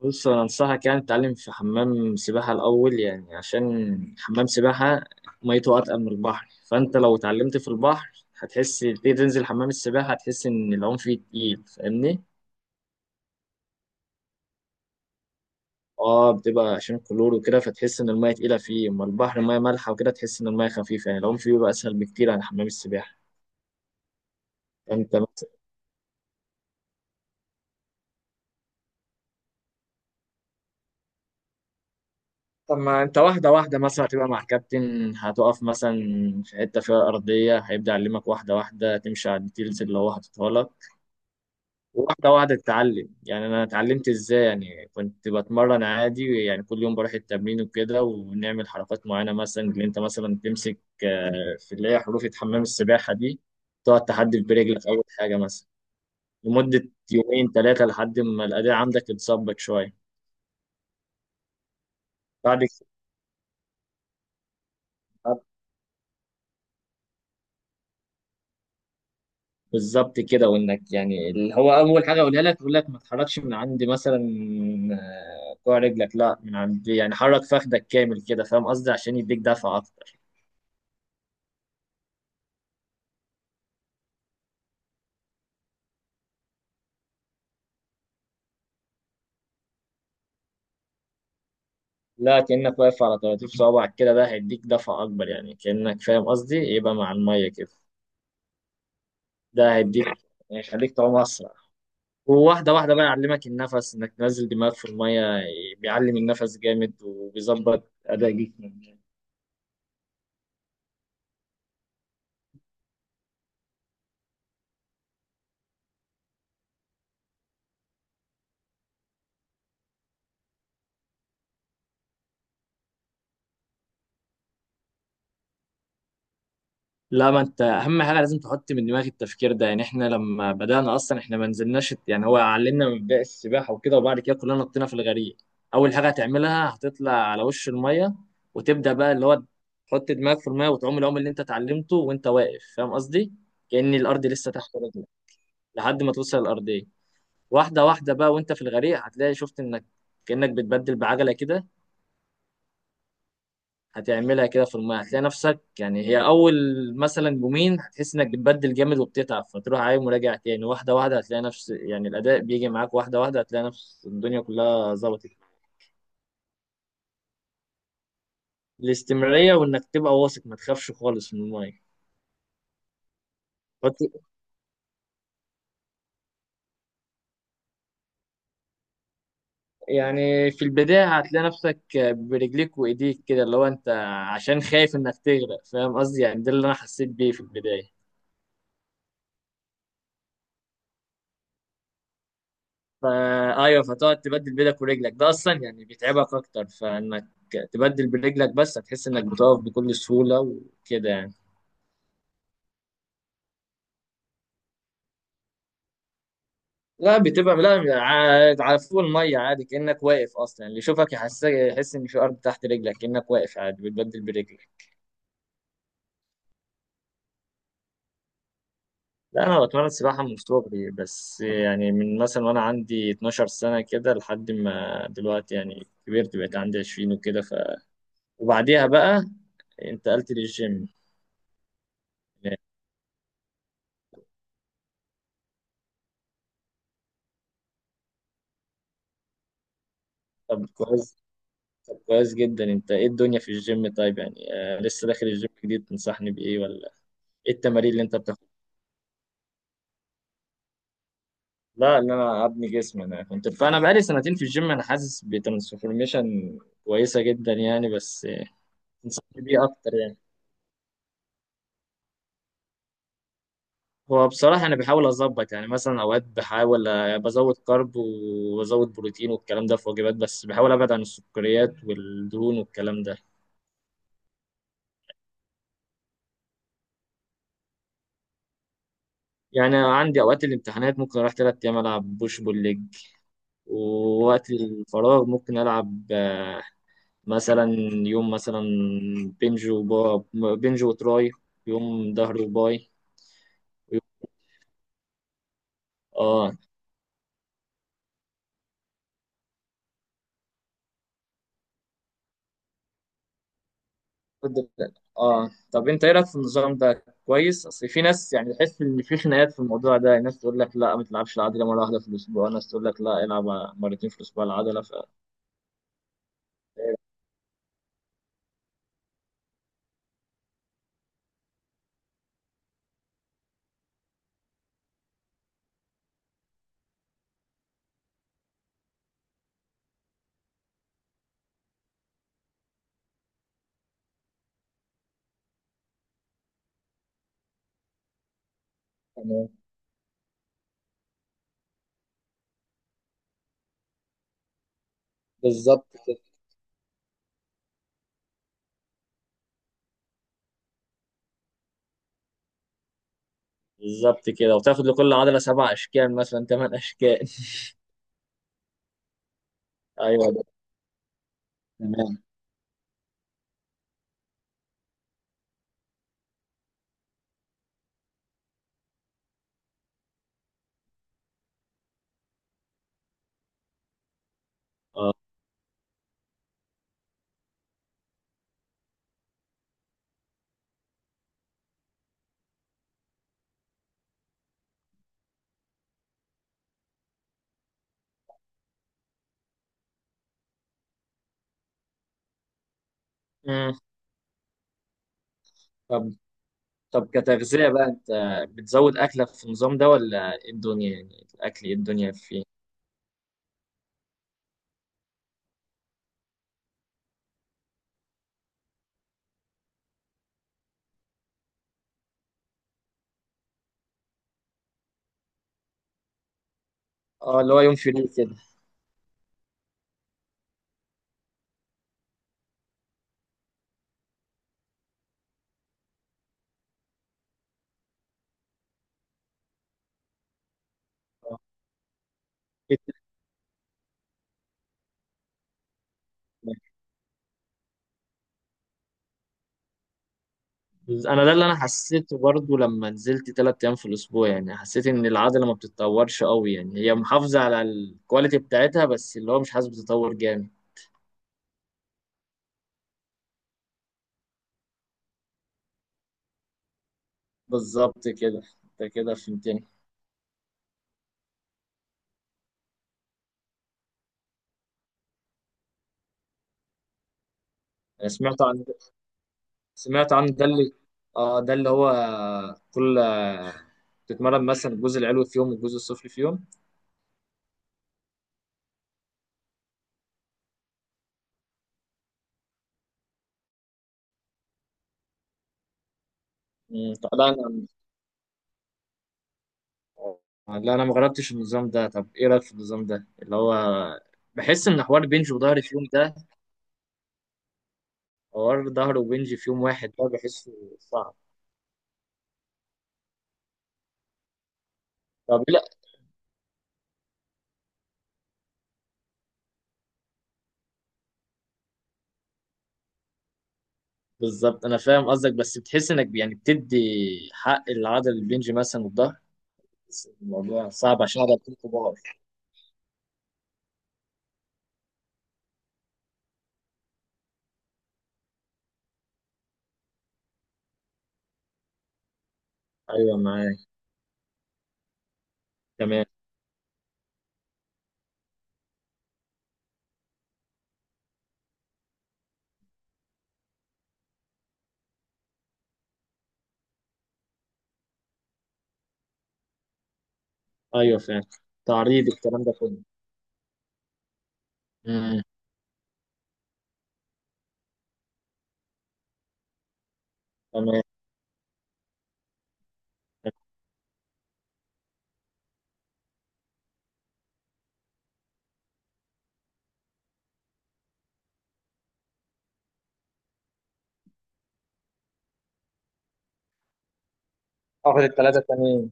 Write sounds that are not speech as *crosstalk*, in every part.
بص انا انصحك يعني تتعلم في حمام سباحه الاول، يعني عشان حمام سباحه ميته اتقل من البحر، فانت لو اتعلمت في البحر هتحس تيجي تنزل حمام السباحه هتحس ان العوم فيه تقيل. فاهمني؟ اه، بتبقى عشان كلور وكده فتحس ان الميه تقيله فيه، اما البحر ميه مالحه وكده تحس ان الميه خفيفه يعني العوم فيه بيبقى اسهل بكتير عن حمام السباحه. انت مثلا طب ما انت واحده واحده مثلا هتبقى مع الكابتن هتقف مثلا في حته فيها ارضيه هيبدا يعلمك واحده واحده تمشي على الديتيلز اللي هو حاططها لك. واحدة واحدة اتعلم، يعني أنا اتعلمت إزاي؟ يعني كنت بتمرن عادي يعني كل يوم بروح التمرين وكده ونعمل حركات معينة مثلا اللي أنت مثلا تمسك في اللي هي حروف حمام السباحة دي، تقعد تحدف برجلك أول حاجة مثلا لمدة يومين ثلاثة لحد ما الأداء عندك يتظبط شوية. بعد كده بالظبط كده، وإنك يعني اللي هو أول حاجة أقولها لك يقول لك ما تحركش من عند مثلا كوع رجلك، لا من عند يعني حرك فخدك كامل كده، فاهم قصدي؟ عشان يديك دفعة أكتر. لا كأنك واقف على طراطيف صوابعك كده، ده هيديك دفعة أكبر، يعني كأنك فاهم قصدي يبقى مع المية كده. ده هيديك هيخليك تعوم أسرع. وواحدة واحدة بقى يعلمك النفس إنك تنزل دماغك في المية. بيعلم النفس جامد وبيظبط أداء جسمك. لا، ما انت اهم حاجه لازم تحط من دماغك التفكير ده، يعني احنا لما بدانا اصلا احنا ما نزلناش يعني هو علمنا من بدايه السباحه وكده، وبعد كده كلنا نطينا في الغريق. اول حاجه هتعملها هتطلع على وش الميه وتبدا بقى اللي هو تحط دماغك في الميه وتعوم العوم اللي انت اتعلمته وانت واقف، فاهم قصدي؟ كأن الارض لسه تحت رجلك لحد ما توصل الارضيه. واحده واحده بقى وانت في الغريق هتلاقي شفت انك كأنك بتبدل بعجله كده، هتعملها كده في المايه هتلاقي نفسك، يعني هي اول مثلا يومين هتحس انك بتبدل جامد وبتتعب فتروح عايم وراجع تاني. واحده واحده هتلاقي نفس يعني الاداء بيجي معاك، واحده واحده هتلاقي نفس الدنيا كلها ظبطت. الاستمراريه وانك تبقى واثق ما تخافش خالص من المايه. فت- يعني في البدايه هتلاقي نفسك برجليك وايديك كده اللي هو انت عشان خايف انك تغرق، فاهم قصدي؟ يعني ده اللي انا حسيت بيه في البدايه. فايوه فتقعد تبدل بيدك ورجلك ده اصلا يعني بيتعبك اكتر، فانك تبدل برجلك بس هتحس انك بتقف بكل سهوله وكده يعني. لا بتبقى لا على فوق الميه عادي، كانك واقف اصلا اللي يشوفك يحس يحس ان في ارض تحت رجلك كانك واقف عادي بتبدل برجلك. لا انا بتمرن سباحه من صغري، بس يعني من مثلا وانا عندي 12 سنه كده لحد ما دلوقتي، يعني كبرت بقيت عندي 20 وكده ف وبعديها بقى انتقلت للجيم. طب كويس. طب كويس جدا. انت ايه الدنيا في الجيم؟ طيب يعني آه لسه داخل الجيم جديد، تنصحني بايه؟ ولا ايه التمارين اللي انت بتاخدها؟ لا ان انا ابني جسمي، انا كنت فانا بقالي سنتين في الجيم انا حاسس بترانسفورميشن كويسه جدا يعني، بس تنصحني بيه اكتر يعني. هو بصراحه انا بحاول اظبط يعني مثلا اوقات بحاول بزود كارب وبزود بروتين والكلام ده في وجبات، بس بحاول ابعد عن السكريات والدهون والكلام ده. يعني عندي اوقات الامتحانات ممكن اروح ثلاث ايام العب بوش بول ليج، ووقت الفراغ ممكن ألعب مثلا يوم مثلا بنج وبا بنج وتراي، يوم ظهر وباي، ويوم- اه، كنت- اه، طب انت ايه رايك في النظام ده؟ كويس، اصل في ناس يعني تحس ان في خناقات في الموضوع ده، ناس تقول لك لا ما تلعبش العضله مره واحده في الاسبوع، ناس تقول لك لا العب مرتين في الاسبوع العضله ف بالظبط كده. بالظبط كده وتاخد لكل عضله سبع اشكال مثلا ثمان اشكال. *laughs* ايوه ده تمام. اه. مم. طب طب كتغذية بقى انت بتزود اكلك في النظام ده، ولا ايه الدنيا؟ يعني الاكل ايه الدنيا فيه؟ اه اللي هو يوم فري كده. آه. انا ده اللي انا حسيته برضو لما نزلت تلات ايام في الاسبوع، يعني حسيت ان العضلة ما بتتطورش قوي، يعني هي محافظة على الكواليتي بتاعتها بس اللي هو مش حاسس بتطور جامد. بالظبط كده، انت كده فهمتني. انا سمعت عن ده، اللي اه ده اللي هو كل تتمرن مثلا الجزء العلوي في يوم والجزء السفلي في يوم. لا انا، لا انا ما جربتش النظام ده. طب ايه رايك في النظام ده اللي هو بحس ان حوار بنج وظهر في يوم ده، حوار ظهر وبنج في يوم واحد ده بحسه صعب. طب لا بالظبط انا فاهم قصدك، بس بتحس انك يعني بتدي حق العضل البنج مثلا والظهر، بس الموضوع صعب عشان عضلتين كبار. ايوه معاك. تمام. ايوه فاهم. تعريض الكلام ده كله. امم. تمام. اخد الثلاثه تمام.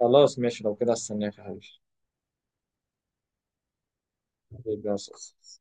خلاص ماشي لو كده، استناك يا حبيبي. حبيبي يا أستاذ.